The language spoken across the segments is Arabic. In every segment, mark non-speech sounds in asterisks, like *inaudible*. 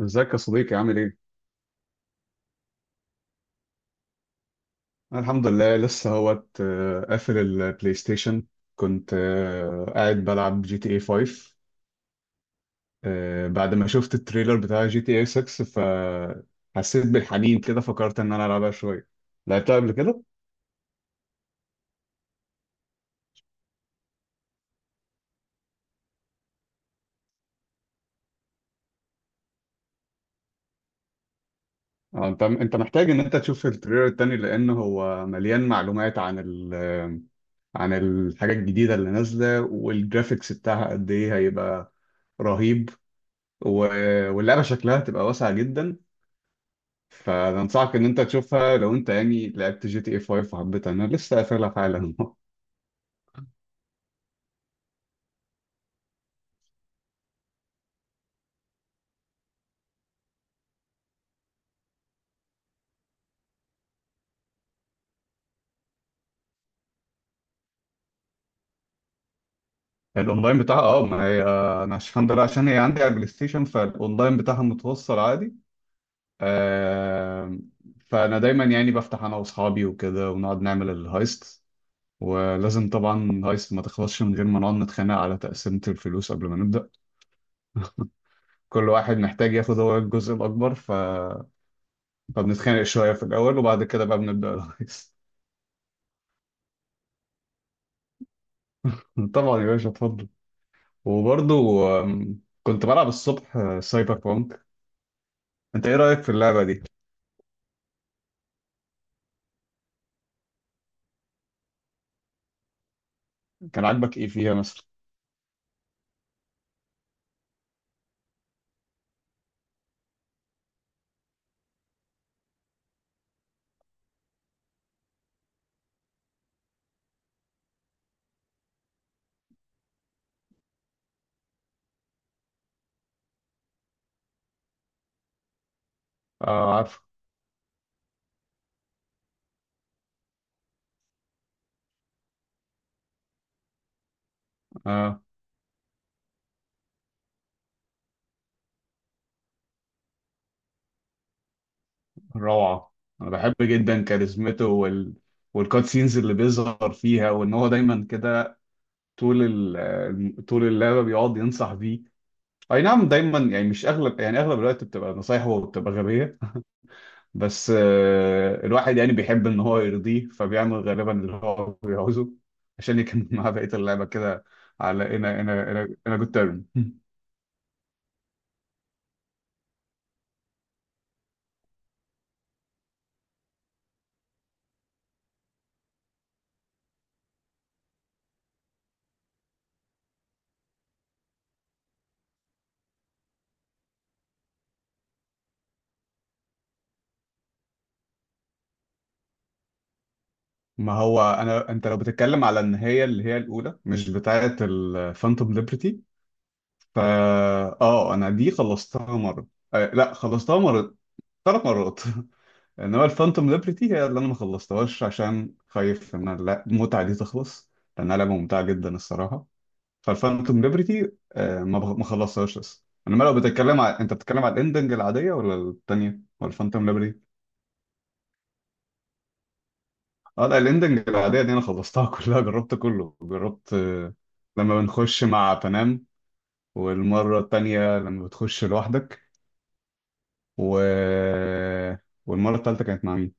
ازيك يا صديقي عامل ايه؟ أنا الحمد لله لسه اهوت، قافل البلاي ستيشن. كنت قاعد بلعب جي تي اي 5، بعد ما شفت التريلر بتاع جي تي اي 6. فحسيت بالحنين كده، فكرت ان انا العبها شوية. لعبتها قبل كده؟ انت محتاج ان انت تشوف التريلر التاني، لان هو مليان معلومات عن ال عن الحاجات الجديدة اللي نازلة، والجرافيكس بتاعها قد ايه هيبقى رهيب. واللعبة شكلها تبقى واسعة جدا. فانصحك ان انت تشوفها لو انت يعني لعبت جي تي اي 5 وحبيتها. انا لسه قافلها حالا. *laughs* الاونلاين بتاعها، اه، ما هي انا الحمد لله، عشان هي عندي على البلاي ستيشن، فالاونلاين بتاعها متوصل عادي. آه فانا دايما يعني بفتح انا واصحابي وكده ونقعد نعمل الهايست. ولازم طبعا الهايست ما تخلصش من غير ما نقعد نتخانق على تقسيمة الفلوس قبل ما نبدأ. كل واحد محتاج ياخد هو الجزء الأكبر، فبنتخانق شوية في الأول، وبعد كده بقى بنبدأ الهايست. *laughs* طبعا يا باشا، اتفضل. وبرضو كنت بلعب الصبح سايبر بونك. انت ايه رأيك في اللعبة دي؟ كان عاجبك ايه فيها مثلا؟ اه، عارف. اه، روعة. انا بحب جدا كاريزمته، والكات سينز اللي بيظهر فيها، وان هو دايما كده طول ال... طول اللعبة بيقعد ينصح بيه. اي نعم، دايما يعني مش اغلب، يعني اغلب الوقت بتبقى نصايحه وبتبقى غبية. بس الواحد يعني بيحب ان هو يرضيه، فبيعمل غالبا اللي هو بيعوزه عشان يكمل *laughs* معاه بقية اللعبة كده. على انا جود تيرم. *laughs* ما هو انت لو بتتكلم على ان هي اللي هي الاولى، مش بتاعه الفانتوم ليبرتي، فا اه انا دي خلصتها مرة. آه لا، خلصتها مرة ثلاث مرات. *laughs* انما الفانتوم ليبرتي هي اللي انا ما خلصتهاش عشان خايف لا المتعة دي تخلص، لانها لعبة ممتعة جدا الصراحة. فالفانتوم ليبرتي ما خلصتهاش لسه. انما لو بتتكلم على انت بتتكلم على الاندنج العاديه ولا الثانيه ولا الفانتوم ليبرتي؟ اه لا، الاندنج العاديه دي انا خلصتها *laughs* كلها، جربت كله جربت آه. لما بنخش مع بنام، والمره الثانيه لما بتخش لوحدك، و... والمره الثالثه كانت مع مين؟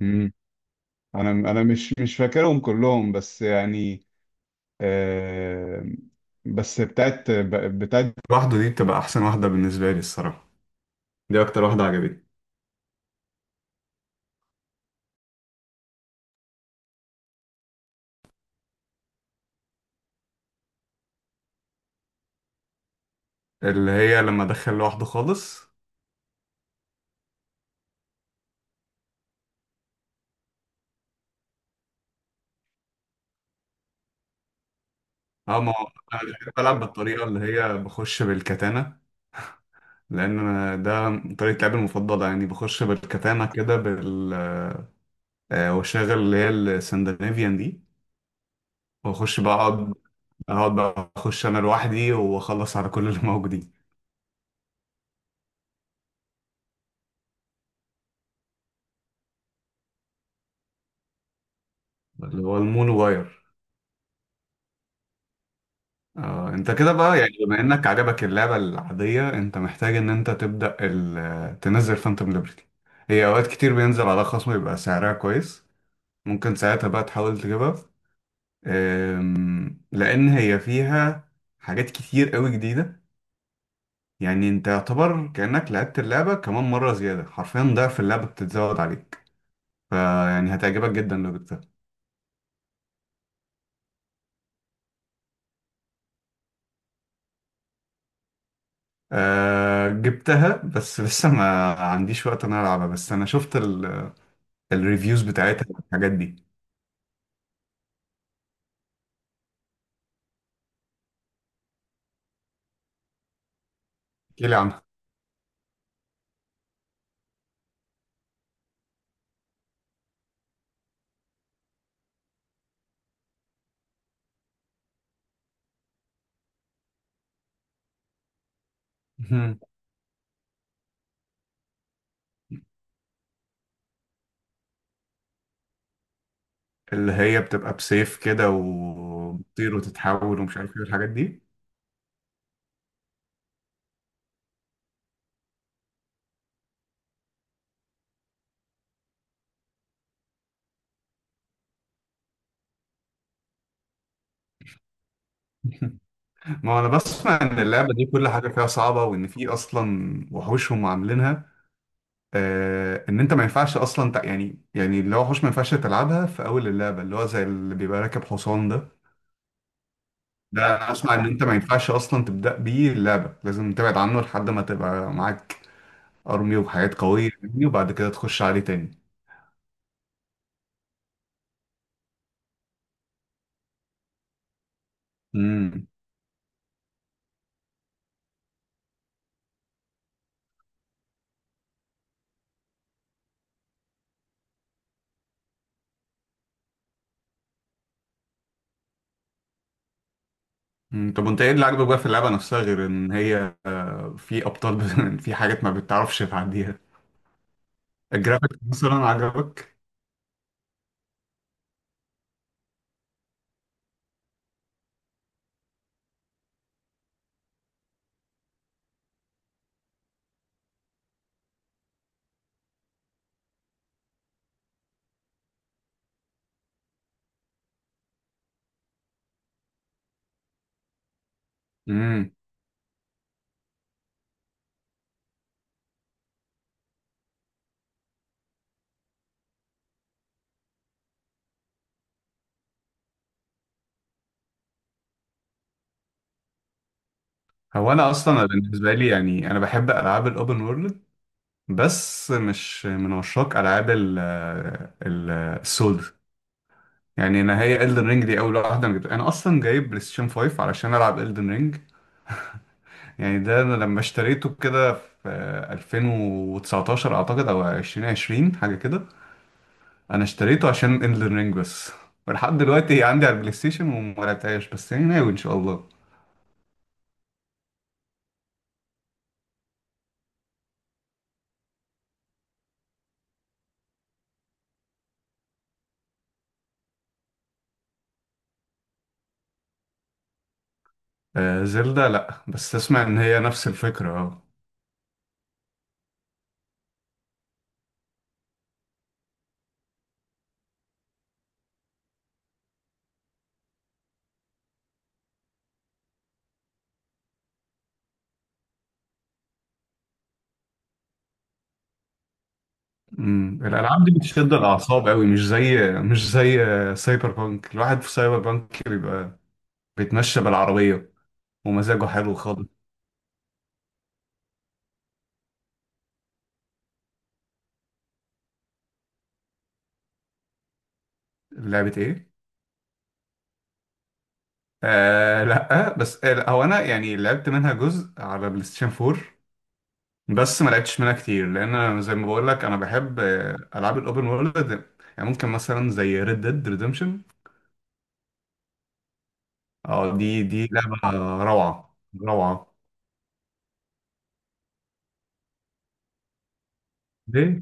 مم. انا انا مش مش فاكرهم كلهم، بس يعني آه، بس بتاعت لوحده دي بتبقى احسن واحده بالنسبه لي الصراحه. دي اكتر واحده عجبتني. اللي هي لما ادخل لوحده خالص. اه ما هو انا مش بحب العب بالطريقه اللي هي بخش بالكتانه. لان أنا ده طريقه لعبي المفضله، يعني بخش بالكتانه كده واشغل اللي هي السندنافيان دي، واخش بقى اقعد، اقعد بقى اخش انا لوحدي واخلص على كل اللي موجودين. اللي هو المون واير. انت كده بقى يعني بما انك عجبك اللعبه العاديه، انت محتاج ان انت تنزل فانتوم ليبرتي. هي اوقات كتير بينزل على خصم، يبقى سعرها كويس، ممكن ساعتها بقى تحاول تجيبها. لأن هي فيها حاجات كتير قوي جديدة. يعني انت يعتبر كأنك لعبت اللعبة كمان مرة زيادة، حرفيا ضعف اللعبة بتتزود عليك، فيعني هتعجبك جدا لو جبتها. أه، جبتها بس *laughs* لسه ما عنديش وقت ان انا العبها. بس انا شفت الريفيوز بتاعتها والحاجات دي. احكيلي عنها. مهم. اللي هي بتبقى بسيف كده وبتطير وتتحول ومش عارف ايه الحاجات دي. *laughs* ما هو انا بسمع ان اللعبه دي كل حاجه فيها صعبه، وان في اصلا وحوشهم عاملينها ان انت ما ينفعش اصلا يعني اللي هو وحوش ما ينفعش تلعبها في اول اللعبه، اللي هو زي اللي بيبقى راكب حصان ده. ده انا اسمع ان انت ما ينفعش اصلا تبدا بيه اللعبه، لازم تبعد عنه لحد ما تبقى معاك ارمي وحاجات قويه يعني، وبعد كده تخش عليه تاني. امم أمم، طب وانت ايه اللي عاجبك بقى في اللعبه نفسها، غير ان هي في ابطال *laughs* في حاجات ما بتعرفش تعديها؟ الجرافيك مثلا عجبك؟ هو انا اصلا بالنسبه لي يعني انا بحب العاب الاوبن وورلد، بس مش من عشاق العاب ال- السولد. يعني انا هي Elden Ring دي اول واحده انا جبتها. انا اصلا جايب بلاي ستيشن 5 علشان العب Elden Ring. يعني ده انا لما اشتريته كده في 2019 اعتقد او 2020، حاجه كده. انا اشتريته عشان Elden Ring بس، ولحد دلوقتي هي عندي على البلاي ستيشن وما لعبتهاش، بس يعني ناوي ان شاء الله. زلدة لا، بس اسمع ان هي نفس الفكره. اه، الالعاب دي بتشد الاعصاب قوي، مش زي سايبر بانك، الواحد في سايبر بانك بيبقى بيتمشى بالعربيه ومزاجه حلو خالص. لعبه ايه؟ آه لا بس، آه، لا، هو انا يعني لعبت منها جزء على بلاي ستيشن 4، بس ما لعبتش منها كتير لان أنا زي ما بقول لك انا بحب العاب الاوبن وورلد. يعني ممكن مثلا زي ريد ديد ريدمشن. اه، دي لعبه روعه، روعه. ليه؟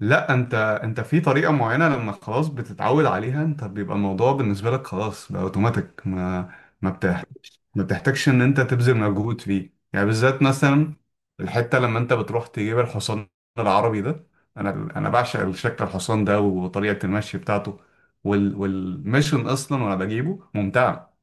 لا، انت في طريقه معينه لما خلاص بتتعود عليها، انت بيبقى الموضوع بالنسبه لك خلاص بقى اوتوماتيك، ما بتحتاجش ان انت تبذل مجهود فيه يعني. بالذات مثلا الحته لما انت بتروح تجيب الحصان العربي ده، انا انا بعشق شكل الحصان ده وطريقه المشي بتاعته والميشن اصلا، وانا بجيبه ممتعه.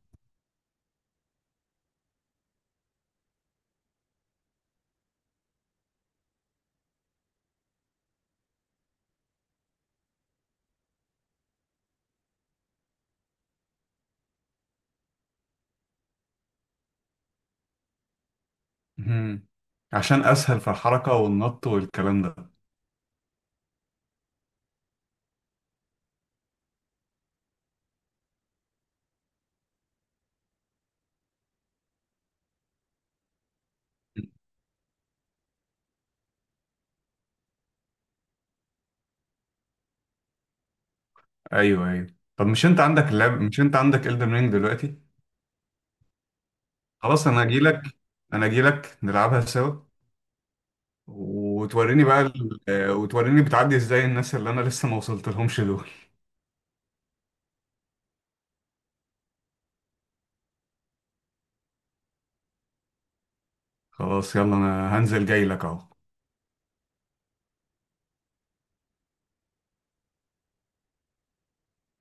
مهم. عشان اسهل في الحركه والنط والكلام ده. ايوه، ايوه. طب مش انت عندك Elden Ring دلوقتي؟ خلاص، انا اجي لك نلعبها سوا، وتوريني بقى وتوريني بتعدي ازاي الناس اللي انا لسه ما وصلت لهمش دول. خلاص يلا، انا هنزل جاي لك اهو.